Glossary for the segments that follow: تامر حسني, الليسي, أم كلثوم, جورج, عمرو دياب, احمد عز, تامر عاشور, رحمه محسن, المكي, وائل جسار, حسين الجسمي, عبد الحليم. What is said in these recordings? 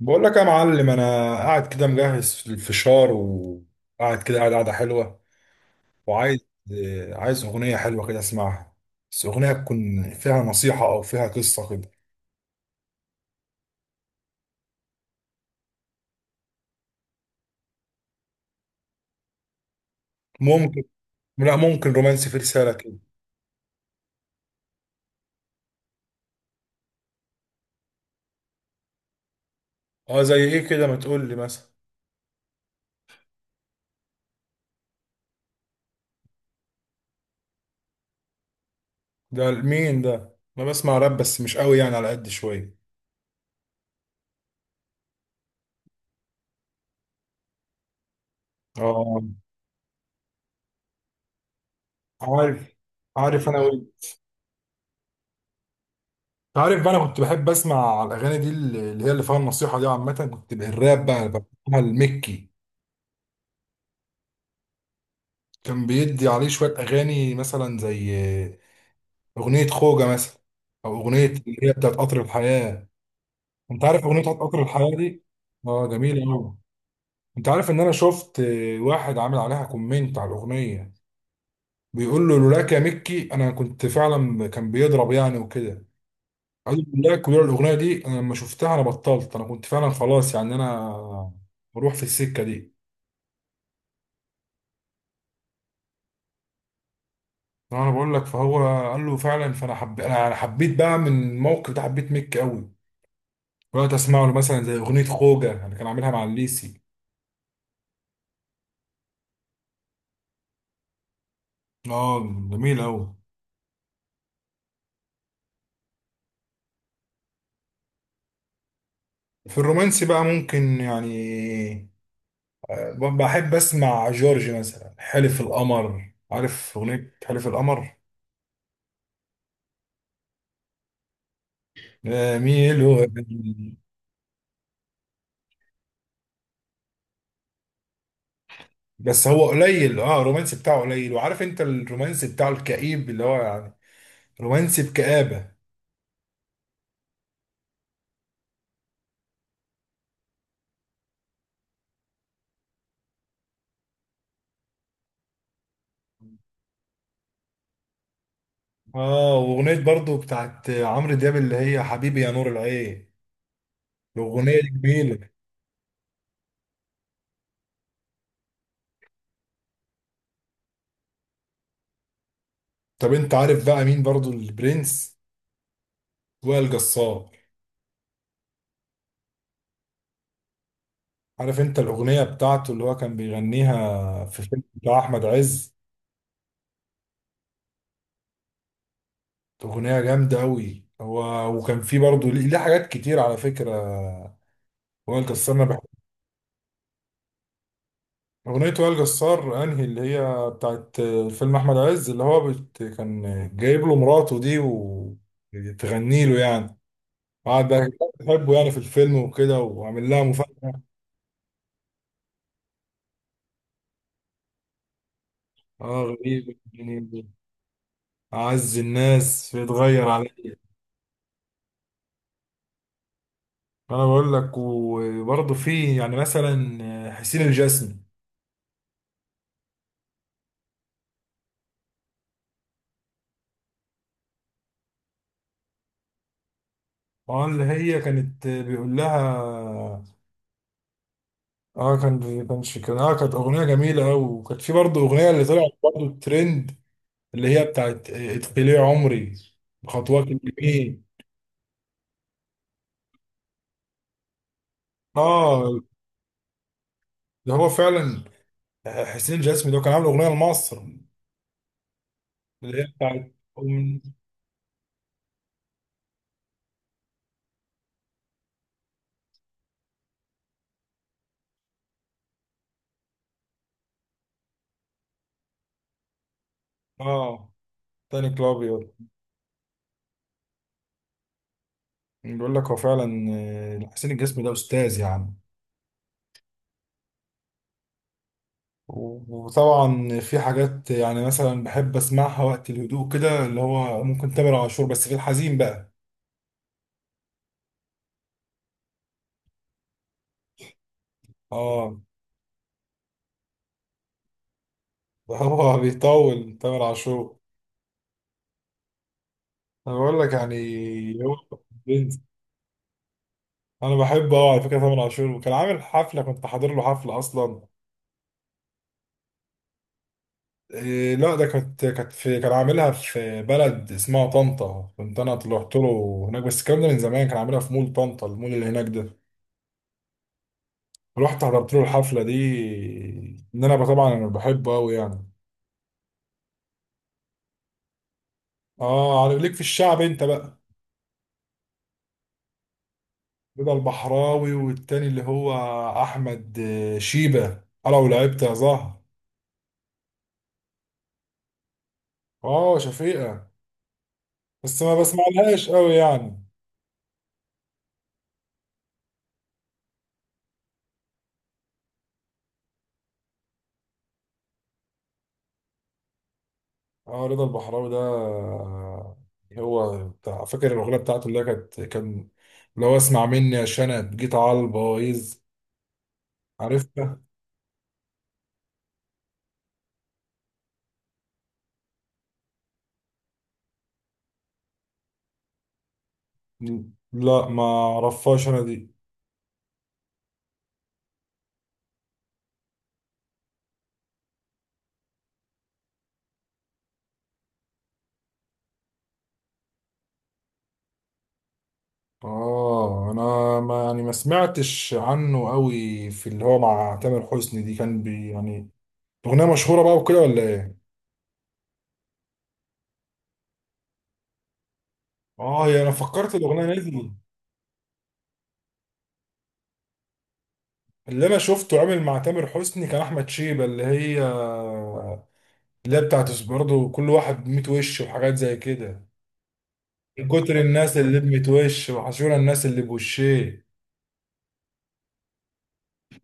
بقول لك يا معلم، انا قاعد كده مجهز في الفشار وقاعد كده قاعده حلوه وعايز. عايز اغنيه حلوه كده اسمعها. بس اغنيه تكون فيها نصيحه او فيها قصه كده. ممكن. لا، ممكن رومانسي في رساله كده. اه، زي ايه كده؟ ما تقول لي مثلا. ده مين ده؟ انا بسمع راب بس مش قوي يعني، على قد شويه. اه، عارف. عارف انا وين. عارف بقى، انا كنت بحب اسمع الاغاني دي اللي هي اللي فيها النصيحه دي عامه، كنت بالراب بقى بسمعها المكي. كان بيدي عليه شوية أغاني مثلا زي أغنية خوجة مثلا، أو أغنية اللي هي بتاعت قطر الحياة. أنت عارف أغنية بتاعت قطر الحياة دي؟ أه، جميلة أوي. أنت عارف إن أنا شفت واحد عامل عليها كومنت على الأغنية، بيقول له لولاك يا مكي أنا كنت فعلا كان بيضرب يعني وكده. قال له لولاك ولولا الأغنية دي أنا لما شفتها أنا بطلت، أنا كنت فعلا خلاص يعني أنا بروح في السكة دي. أنا بقول لك، فهو قال له فعلا، فأنا أنا حبيت بقى من الموقف ده، حبيت مكي أوي. رحت اسمع له مثلا زي اغنيه خوجه اللي كان عاملها مع الليسي. اه، جميل اوي. في الرومانسي بقى ممكن يعني، بحب اسمع جورج مثلا، حلف القمر، عارف اغنيه حلف القمر؟ ميلو. بس هو قليل، اه الرومانسي بتاعه قليل، وعارف انت الرومانسي بتاعه الكئيب اللي هو يعني رومانسي بكآبة. اه، واغنيه برضو بتاعت عمرو دياب اللي هي حبيبي يا نور العين، الاغنيه دي جميله. طب انت عارف بقى مين برضو البرنس؟ وائل جسار. عارف انت الاغنيه بتاعته اللي هو كان بيغنيها في فيلم بتاع احمد عز؟ اغنيه جامده قوي، هو وكان في برضه ليه حاجات كتير على فكره، وائل جسار انا بحب. اغنيه وائل جسار انهي اللي هي بتاعت فيلم احمد عز، اللي هو كان جايب له مراته دي وتغني له يعني، قعد بقى. بحبه يعني في الفيلم وكده، وعامل لها مفاجاه. اه غريب يعني، عز الناس بيتغير عليا. انا بقول لك، وبرضه في يعني مثلا حسين الجسمي. اه، اللي هي كانت بيقول لها. اه كان كانش كان اه كانت اغنيه جميله قوي، وكانت في برضه اغنيه اللي طلعت برضه ترند. اللي هي بتاعت ادخلي عمري بخطوات اليمين. اه، ده هو فعلا. حسين الجسمي ده كان عامل اغنيه لمصر. اللي هي بتاعت. اه تاني كلابيو. بيقول لك هو فعلا، حسين الجسمي ده استاذ يعني. وطبعا في حاجات يعني مثلا بحب اسمعها وقت الهدوء كده، اللي هو ممكن تامر عاشور بس في الحزين بقى. اه هو بيطول تامر عاشور. انا بقول لك يعني. هو بنت. انا بحبه اه، على فكره تامر عاشور، وكان عامل حفله كنت حاضر له حفله اصلا. إيه لا ده كانت في كان عاملها في بلد اسمها طنطا، كنت انا طلعت له هناك، بس الكلام ده من زمان، كان عاملها في مول طنطا، المول اللي هناك ده. رحت حضرت له الحفله دي. ان انا طبعا انا بحبه قوي يعني. اه، عارف ليك في الشعب انت بقى. رضا البحراوي والتاني اللي هو احمد شيبة، لو لعبت يا زهر. اه شفيقة، بس ما بسمعلهاش قوي يعني. اه رضا البحراوي ده هو بتاع، فاكر الاغنيه بتاعته اللي هي كان لو اسمع مني يا شنب جيت على البوايظ؟ عرفتها. لا، ما اعرفهاش انا دي. اه، انا ما يعني ما سمعتش عنه قوي في اللي هو مع تامر حسني دي، كان بي يعني أغنية مشهورة بقى وكده ولا إيه؟ هي أنا فكرت الأغنية دي. اللي أنا شفته عامل مع تامر حسني كان أحمد شيبة، اللي هي بتاعت برضه كل واحد بميت وش وحاجات زي كده. من كتر الناس اللي بميت وش، وحشونا الناس اللي بوشيه.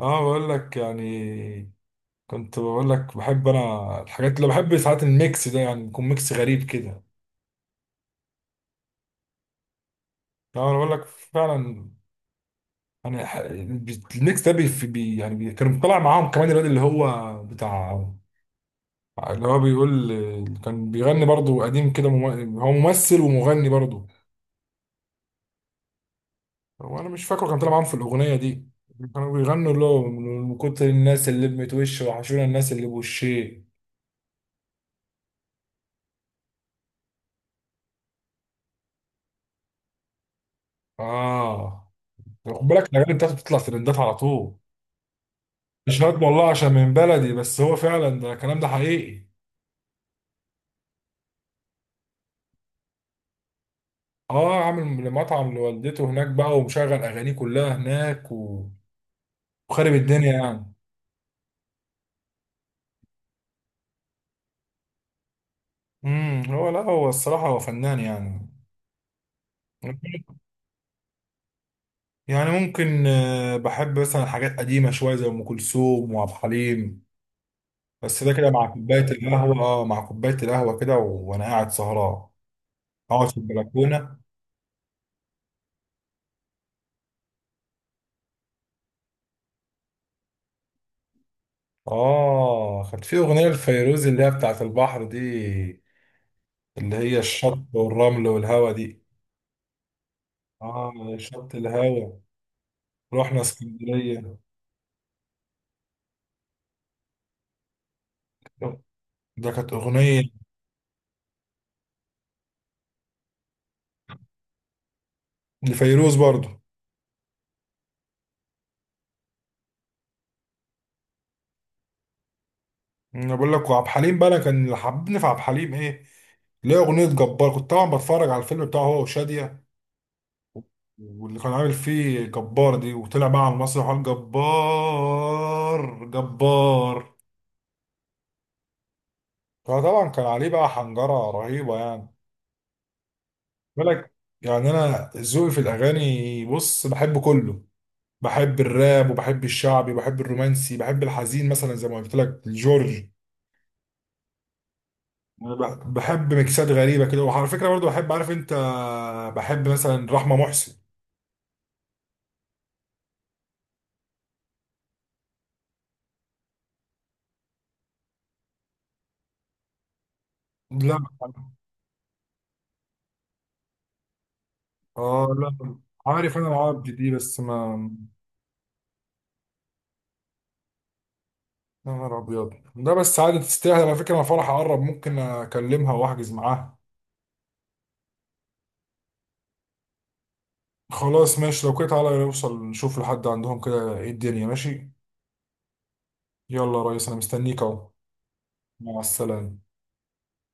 بقول لك يعني. كنت بقول لك بحب أنا الحاجات اللي بحب ساعات الميكس ده، يعني يكون ميكس غريب كده. أنا بقول لك فعلا يعني، الميكس ده يعني كان طالع معاهم كمان الواد اللي هو بتاع، اللي هو بيقول اللي كان بيغني برضو قديم كده، هو ممثل ومغني برضو. هو انا مش فاكره، كان طلع معاهم في الاغنيه دي، كانوا بيغنوا اللي هو من كتر الناس اللي لمت وش، وحشونا الناس اللي بوشيه. اه، خد بالك الاغاني بتاعته بتطلع ترندات على طول. مش هاد والله عشان من بلدي، بس هو فعلا، ده الكلام ده حقيقي. اه، عامل مطعم لوالدته هناك بقى، ومشغل اغانيه كلها هناك وخارب الدنيا يعني. هو لا، هو الصراحه هو فنان يعني. يعني ممكن بحب مثلا حاجات قديمة شوية زي أم كلثوم وعبد الحليم، بس ده كده مع كوباية القهوة، اه مع كوباية القهوة كده وأنا قاعد سهران، أقعد في البلكونة. اه، كانت في أغنية لفيروز اللي هي بتاعت البحر دي، اللي هي الشط والرمل والهوا دي. اه شط الهوا، رحنا اسكندرية. ده كانت أغنية لفيروز برضو. انا بقول لك وعبد الحليم بقى، انا كان اللي حببني في عبد الحليم ايه؟ ليه اغنيه جبار، كنت طبعا بتفرج على الفيلم بتاعه هو وشاديه، واللي كان عامل فيه جبار دي، وطلع بقى على المسرح وقال جبار جبار. فطبعا كان عليه بقى حنجره رهيبه يعني. بالك. يعني انا ذوقي في الاغاني بص، بحب كله، بحب الراب وبحب الشعبي وبحب الرومانسي، بحب الحزين مثلا زي ما قلت لك الجورج. انا بحب ميكسات غريبه كده، وعلى فكره برضو بحب، عارف انت، بحب مثلا رحمه محسن. لا. اه، لا. عارف انا العبد دي بس ما. يا نهار ابيض، ده بس عادي، تستاهل على فكره، انا فرح اقرب ممكن اكلمها واحجز معاها. خلاص ماشي، لو كده تعالى نوصل نشوف لحد عندهم كده ايه الدنيا، ماشي. يلا يا ريس، انا مستنيك اهو. مع السلامه.